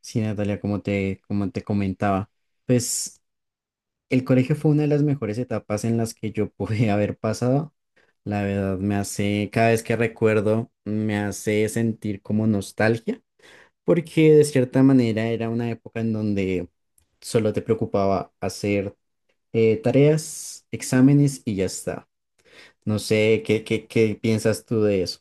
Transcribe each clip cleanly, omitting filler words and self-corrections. Sí, Natalia, como te comentaba, pues el colegio fue una de las mejores etapas en las que yo pude haber pasado. La verdad me hace, cada vez que recuerdo, me hace sentir como nostalgia, porque de cierta manera era una época en donde solo te preocupaba hacer tareas, exámenes y ya está. No sé, ¿qué piensas tú de eso?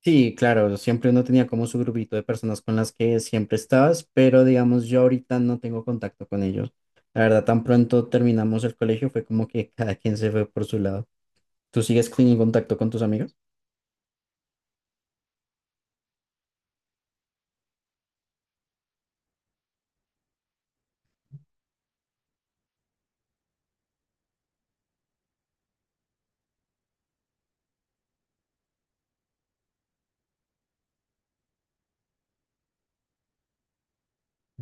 Sí, claro, siempre uno tenía como su grupito de personas con las que siempre estabas, pero digamos yo ahorita no tengo contacto con ellos. La verdad, tan pronto terminamos el colegio fue como que cada quien se fue por su lado. ¿Tú sigues en contacto con tus amigos?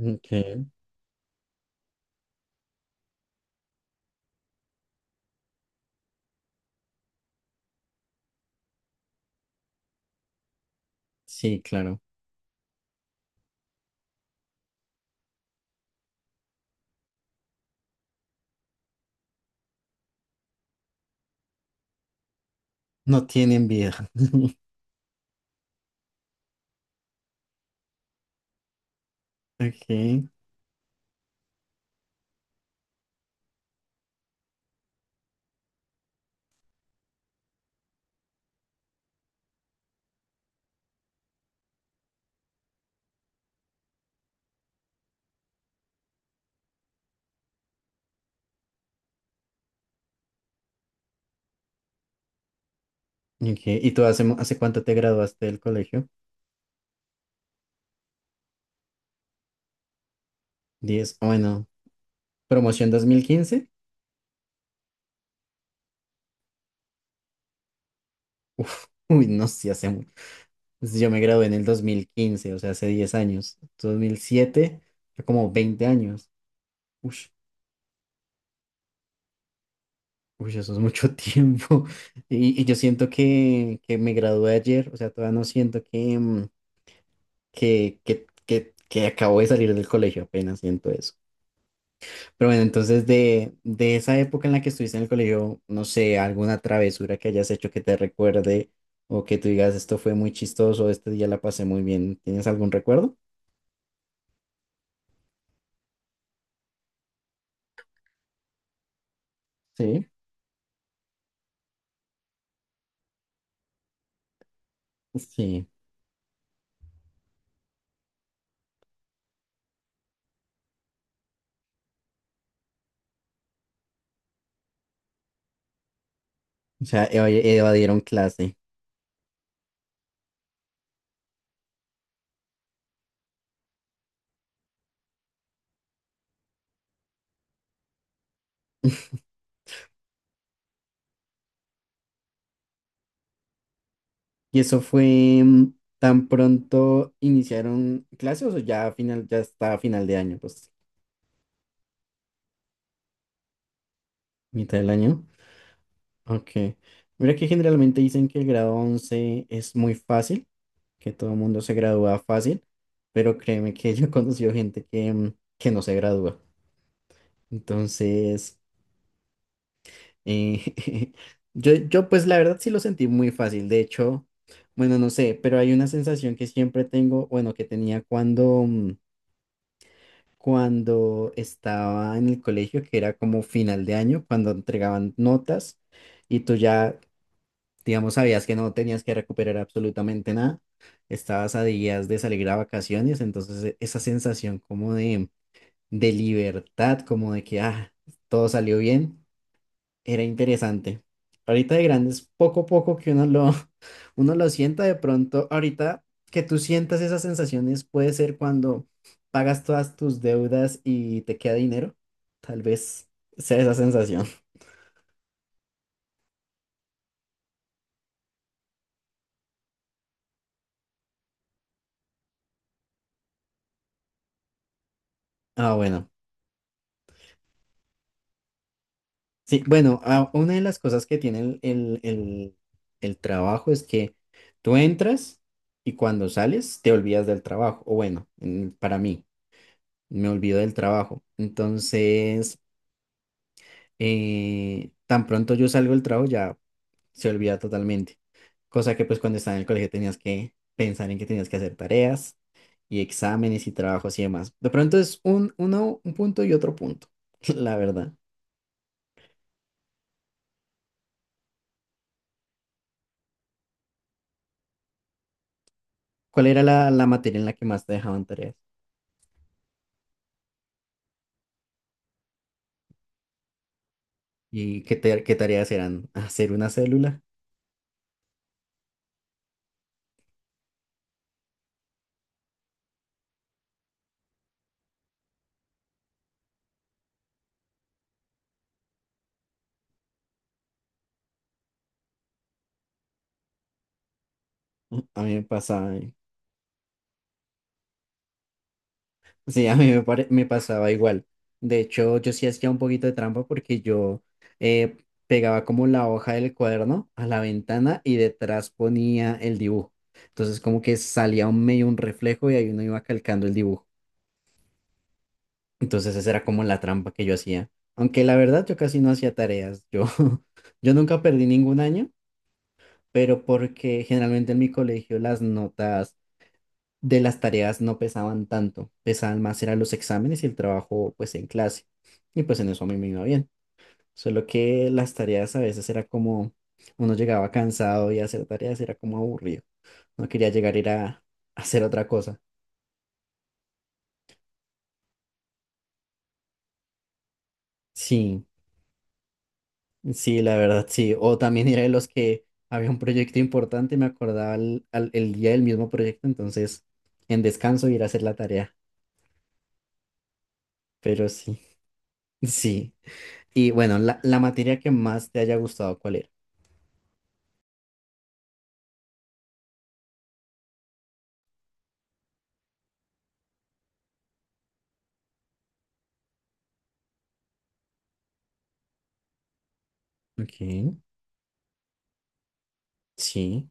Okay. Sí, claro. No tienen vida. Okay. Ok. Y tú hace, ¿hace cuánto te graduaste del colegio? 10, bueno, promoción 2015. Uf, uy, no, sí, hace mucho. Entonces, yo me gradué en el 2015, o sea, hace 10 años. 2007 fue como 20 años. Ush, ush, eso es mucho tiempo. Y yo siento que me gradué ayer, o sea, todavía no siento que, que, que acabo de salir del colegio, apenas siento eso. Pero bueno, entonces de esa época en la que estuviste en el colegio, no sé, alguna travesura que hayas hecho que te recuerde o que tú digas, esto fue muy chistoso, este día la pasé muy bien. ¿Tienes algún recuerdo? Sí. Sí. O sea, evadieron clase. ¿Y eso fue tan pronto iniciaron clases o ya a final, ya está a final de año, pues, mitad del año? Ok. Mira que generalmente dicen que el grado 11 es muy fácil, que todo el mundo se gradúa fácil, pero créeme que yo he conocido gente que, que no se gradúa. Entonces, eh, yo pues la verdad sí lo sentí muy fácil. De hecho, bueno, no sé, pero hay una sensación que siempre tengo, bueno, que tenía cuando cuando estaba en el colegio, que era como final de año, cuando entregaban notas y tú ya, digamos, sabías que no tenías que recuperar absolutamente nada, estabas a días de salir a vacaciones, entonces esa sensación como de libertad, como de que ah, todo salió bien, era interesante. Ahorita de grandes, poco a poco que uno lo, uno lo sienta de pronto. Ahorita que tú sientas esas sensaciones puede ser cuando pagas todas tus deudas y te queda dinero. Tal vez sea esa sensación. Ah, bueno. Sí, bueno, ah, una de las cosas que tiene el trabajo es que tú entras y cuando sales te olvidas del trabajo. O bueno, para mí, me olvido del trabajo. Entonces tan pronto yo salgo del trabajo ya se olvida totalmente. Cosa que pues cuando estaba en el colegio tenías que pensar en que tenías que hacer tareas y exámenes y trabajos y demás. De pronto es un, uno, un punto y otro punto, la verdad. ¿Cuál era la, la materia en la que más te dejaban tareas? ¿Y qué, qué tareas eran? ¿Hacer una célula? A mí me pasaba sí, a mí me, me pasaba igual. De hecho, yo sí hacía un poquito de trampa porque yo eh, pegaba como la hoja del cuaderno a la ventana y detrás ponía el dibujo. Entonces como que salía un medio un reflejo y ahí uno iba calcando el dibujo. Entonces esa era como la trampa que yo hacía. Aunque la verdad yo casi no hacía tareas. Yo, yo nunca perdí ningún año, pero porque generalmente en mi colegio las notas de las tareas no pesaban tanto, pesaban más eran los exámenes y el trabajo pues en clase. Y pues en eso a mí me iba bien. Solo que las tareas a veces era como, uno llegaba cansado y hacer tareas era como aburrido. No quería llegar a ir a hacer otra cosa. Sí, sí, la verdad, sí. O también era de los que había un proyecto importante y me acordaba el, el día del mismo proyecto, entonces en descanso ir a hacer la tarea. Pero sí, sí. Y bueno, la materia que más te haya gustado, ¿cuál era? Ok, sí.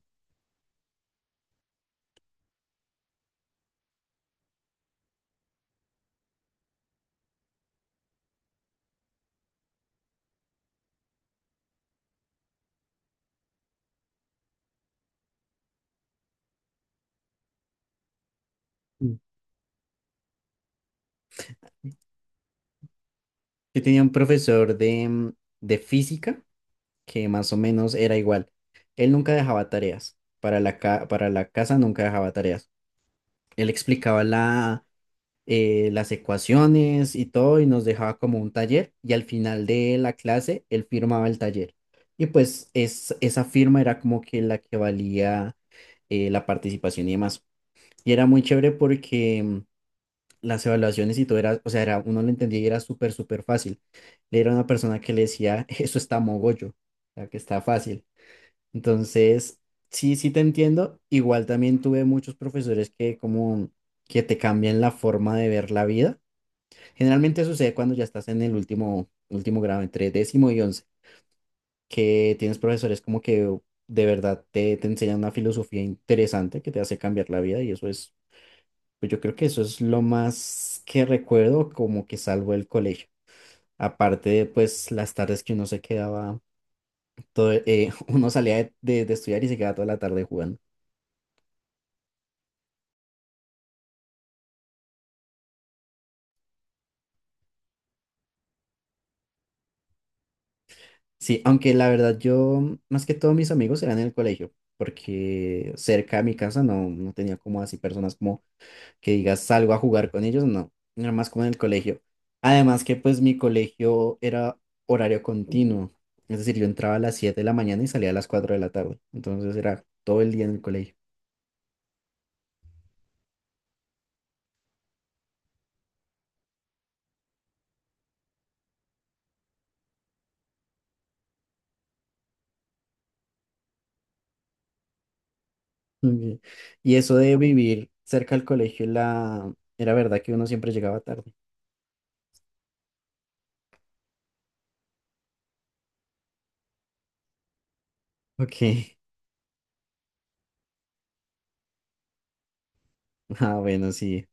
Mm. Yo tenía un profesor de, de física que más o menos era igual. Él nunca dejaba tareas. Para la, para la casa nunca dejaba tareas. Él explicaba la, las ecuaciones y todo y nos dejaba como un taller y al final de la clase él firmaba el taller. Y pues es, esa firma era como que la que valía la participación y demás. Y era muy chévere porque las evaluaciones y todo era, o sea, era, uno lo entendía y era súper, súper fácil. Le era una persona que le decía, eso está mogollo, o sea, que está fácil. Entonces, sí, sí te entiendo. Igual también tuve muchos profesores que como que te cambian la forma de ver la vida. Generalmente sucede cuando ya estás en el último, último grado, entre décimo y once, que tienes profesores como que de verdad te, te enseñan una filosofía interesante que te hace cambiar la vida y eso es pues yo creo que eso es lo más que recuerdo como que salvo el colegio. Aparte de pues las tardes que uno se quedaba, todo, uno salía de, de estudiar y se quedaba toda la tarde jugando. Sí, aunque la verdad yo más que todos mis amigos eran en el colegio, porque cerca de mi casa no, no tenía como así personas como que digas salgo a jugar con ellos, no, era más como en el colegio. Además que pues mi colegio era horario continuo, es decir, yo entraba a las 7 de la mañana y salía a las 4 de la tarde, entonces era todo el día en el colegio. Ok. Y eso de vivir cerca al colegio, la... era verdad que uno siempre llegaba tarde. Ok, ah, bueno, sí,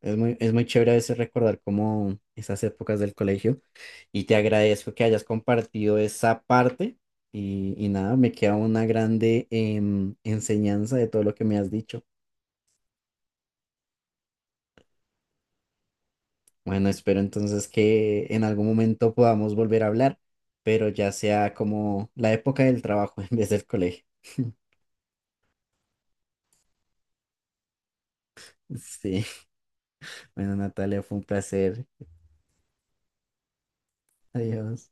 es muy chévere a veces recordar como esas épocas del colegio. Y te agradezco que hayas compartido esa parte y nada, me queda una grande enseñanza de todo lo que me has dicho. Bueno, espero entonces que en algún momento podamos volver a hablar, pero ya sea como la época del trabajo en vez del colegio. Sí, bueno, Natalia, fue un placer. Adiós.